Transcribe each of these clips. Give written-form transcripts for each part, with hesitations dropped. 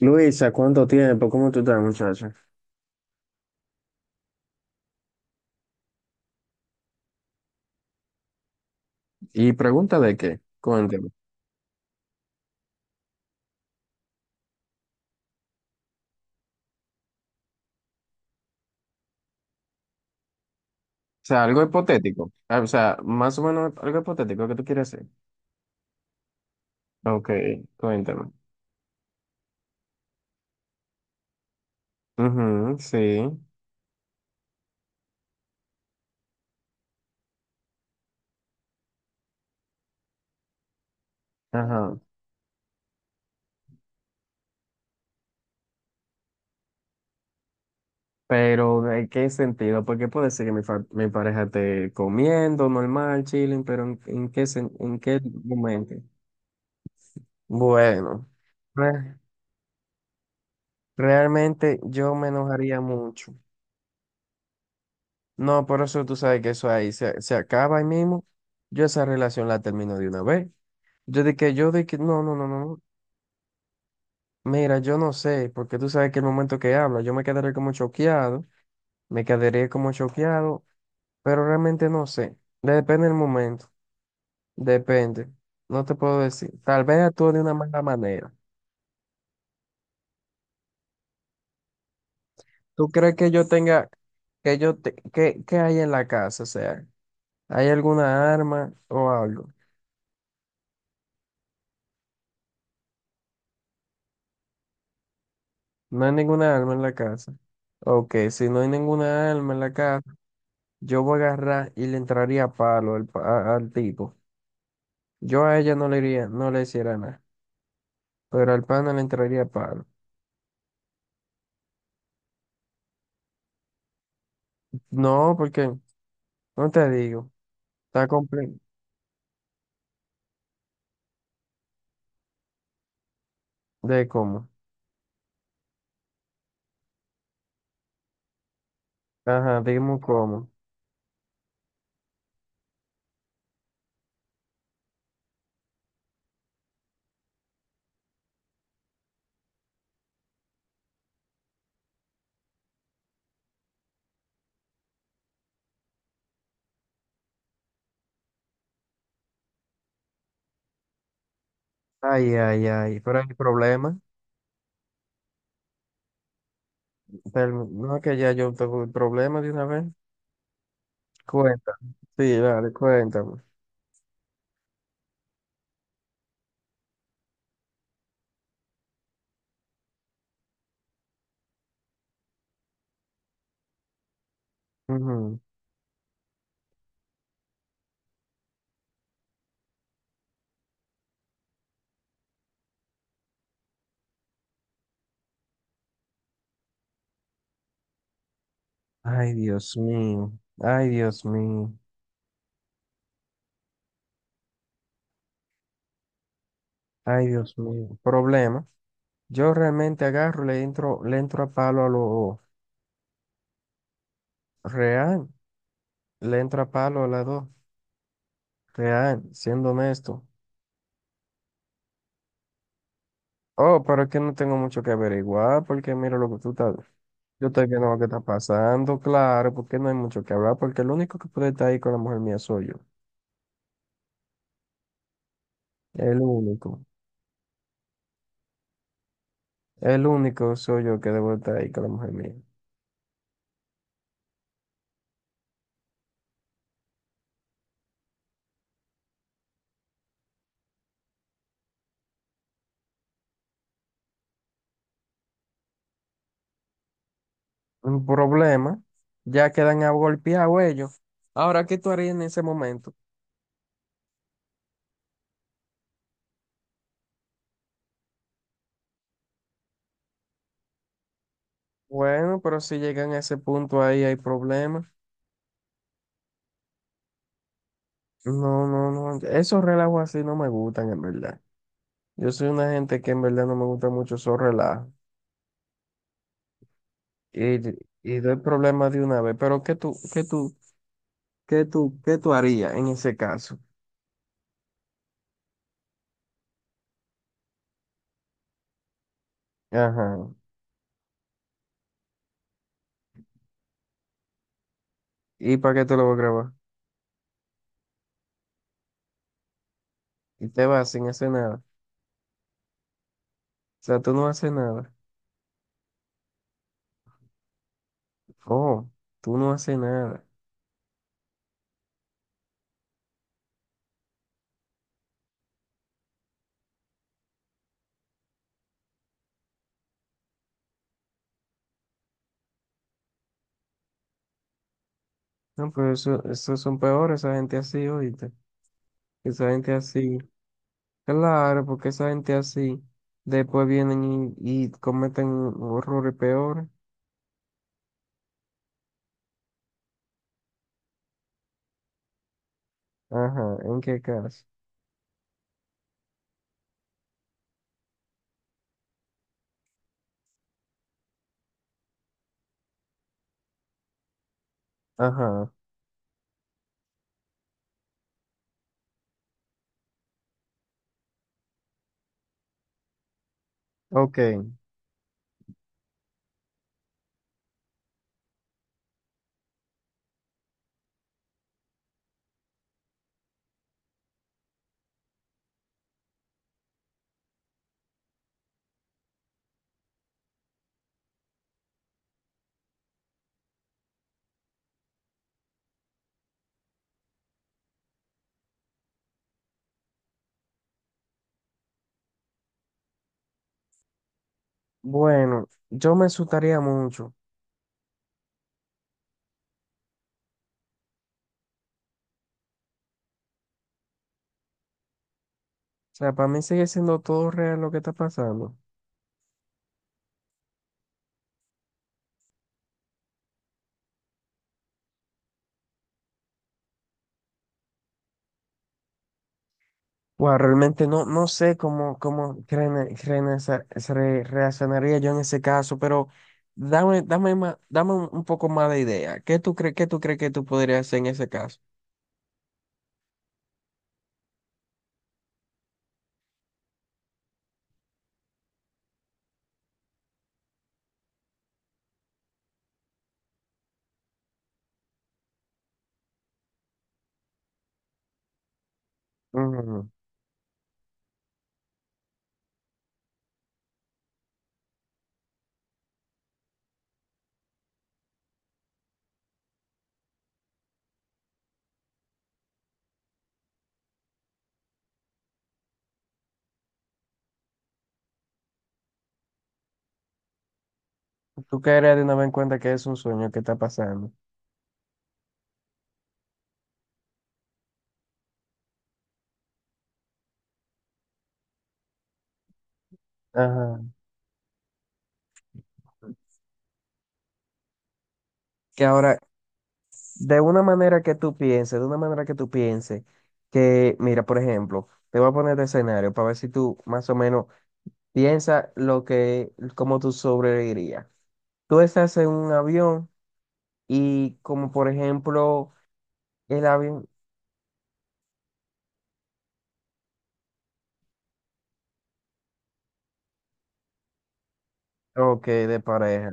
Luisa, ¿cuánto tiempo? ¿Cómo tú estás, muchacha? Y pregunta de qué, cuéntame. O sea, algo hipotético. Ah, o sea, más o menos algo hipotético que tú quieres hacer. Ok, cuéntame. Ujú, sí. Ajá. Pero, ¿de qué sentido? Porque puede ser que mi, mi pareja esté comiendo normal, chilling, pero en qué, en qué momento? Bueno, re- realmente yo me enojaría mucho. No, por eso tú sabes que eso ahí se, se acaba ahí mismo. Yo esa relación la termino de una vez. Yo de que, no, no, no, no. Mira, yo no sé, porque tú sabes que el momento que habla, yo me quedaré como choqueado, me quedaré como choqueado, pero realmente no sé. Depende del momento, depende. No te puedo decir. Tal vez actúe de una mala manera. ¿Tú crees que yo tenga, que yo, te, que hay en la casa? O sea, ¿hay alguna arma o algo? No hay ninguna alma en la casa. Ok, si no hay ninguna alma en la casa, yo voy a agarrar y le entraría a palo al, al tipo. Yo a ella no le iría, no le hiciera nada, pero al pana le entraría a palo. No, porque, no te digo, está completo. ¿De cómo? Ajá, dime cómo. Ay, ay, ay, pero hay problema. Pero no, que ya yo tengo el problema de una vez. Cuenta. Sí, dale, cuéntame. Ujú. Ay, Dios mío. Ay, Dios mío. Ay, Dios mío. Problema. Yo realmente agarro, le entro a palo a lo real. Le entro a palo a la dos. Real, siendo honesto. Oh, pero es que no tengo mucho que averiguar, porque mira lo que tú estás. Yo estoy viendo lo que está pasando, claro, porque no hay mucho que hablar, porque el único que puede estar ahí con la mujer mía soy yo. El único. El único soy yo que debo estar ahí con la mujer mía. Un problema. Ya quedan golpear ellos. Ahora, ¿qué tú harías en ese momento? Bueno, pero si llegan a ese punto ahí hay problemas. No, no, no. Esos relajos así no me gustan, en verdad. Yo soy una gente que en verdad no me gusta mucho esos relajos. Y, y doy problemas de una vez. Pero ¿qué tú harías en ese caso? Ajá. ¿Y para qué te lo voy a grabar? Y te vas sin hacer nada. O sea, tú no haces nada. Oh, tú no haces nada. No, pero eso, esos son peores, esa gente así, oíste. Esa gente así. Claro, porque esa gente así después vienen y cometen horrores peores. Ajá, ¿en qué caso? Ajá, ok. Bueno, yo me asustaría mucho. O sea, para mí sigue siendo todo real lo que está pasando. Bueno, realmente no, no sé cómo, cómo creen- creen esa- se re- reaccionaría yo en ese caso, pero dame, dame un poco más de idea. ¿Qué tú crees que tú podrías hacer en ese caso? Ujú. Tú caerías de una vez en cuenta que es un sueño que está pasando. Ajá. Que ahora, de una manera que tú pienses, que, mira, por ejemplo, te voy a poner de escenario para ver si tú más o menos piensas lo que, cómo tú sobrevivirías. Tú estás en un avión y como por ejemplo, el avión, ok, de pareja,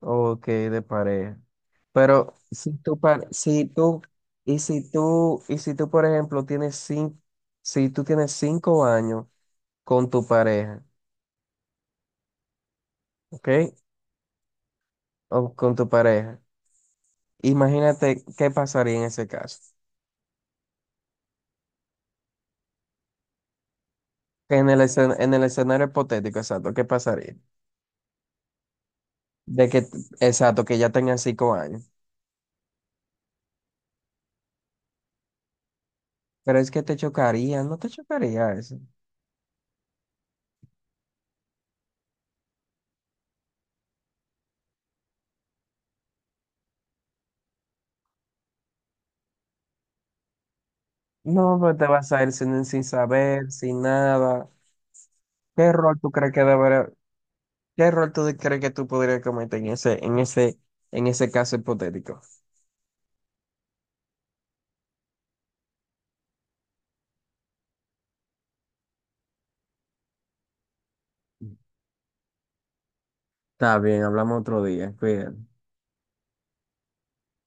ok, de pareja. Pero si tú, pa- si tú, y si tú, y si tú, por ejemplo, tienes cinco, si tú tienes 5 años con tu pareja, ¿ok? O con tu pareja. Imagínate qué pasaría en ese caso. Que en el en el escenario hipotético, exacto, ¿qué pasaría? De que, exacto, que ya tengan 5 años. Pero es que te chocaría, no te chocaría eso. No, pues te vas a ir sin, sin saber, sin nada. ¿Qué rol tú crees que debería, qué rol tú crees que tú podrías cometer en ese, en ese, en ese caso hipotético? Está bien, hablamos otro día, cuídate.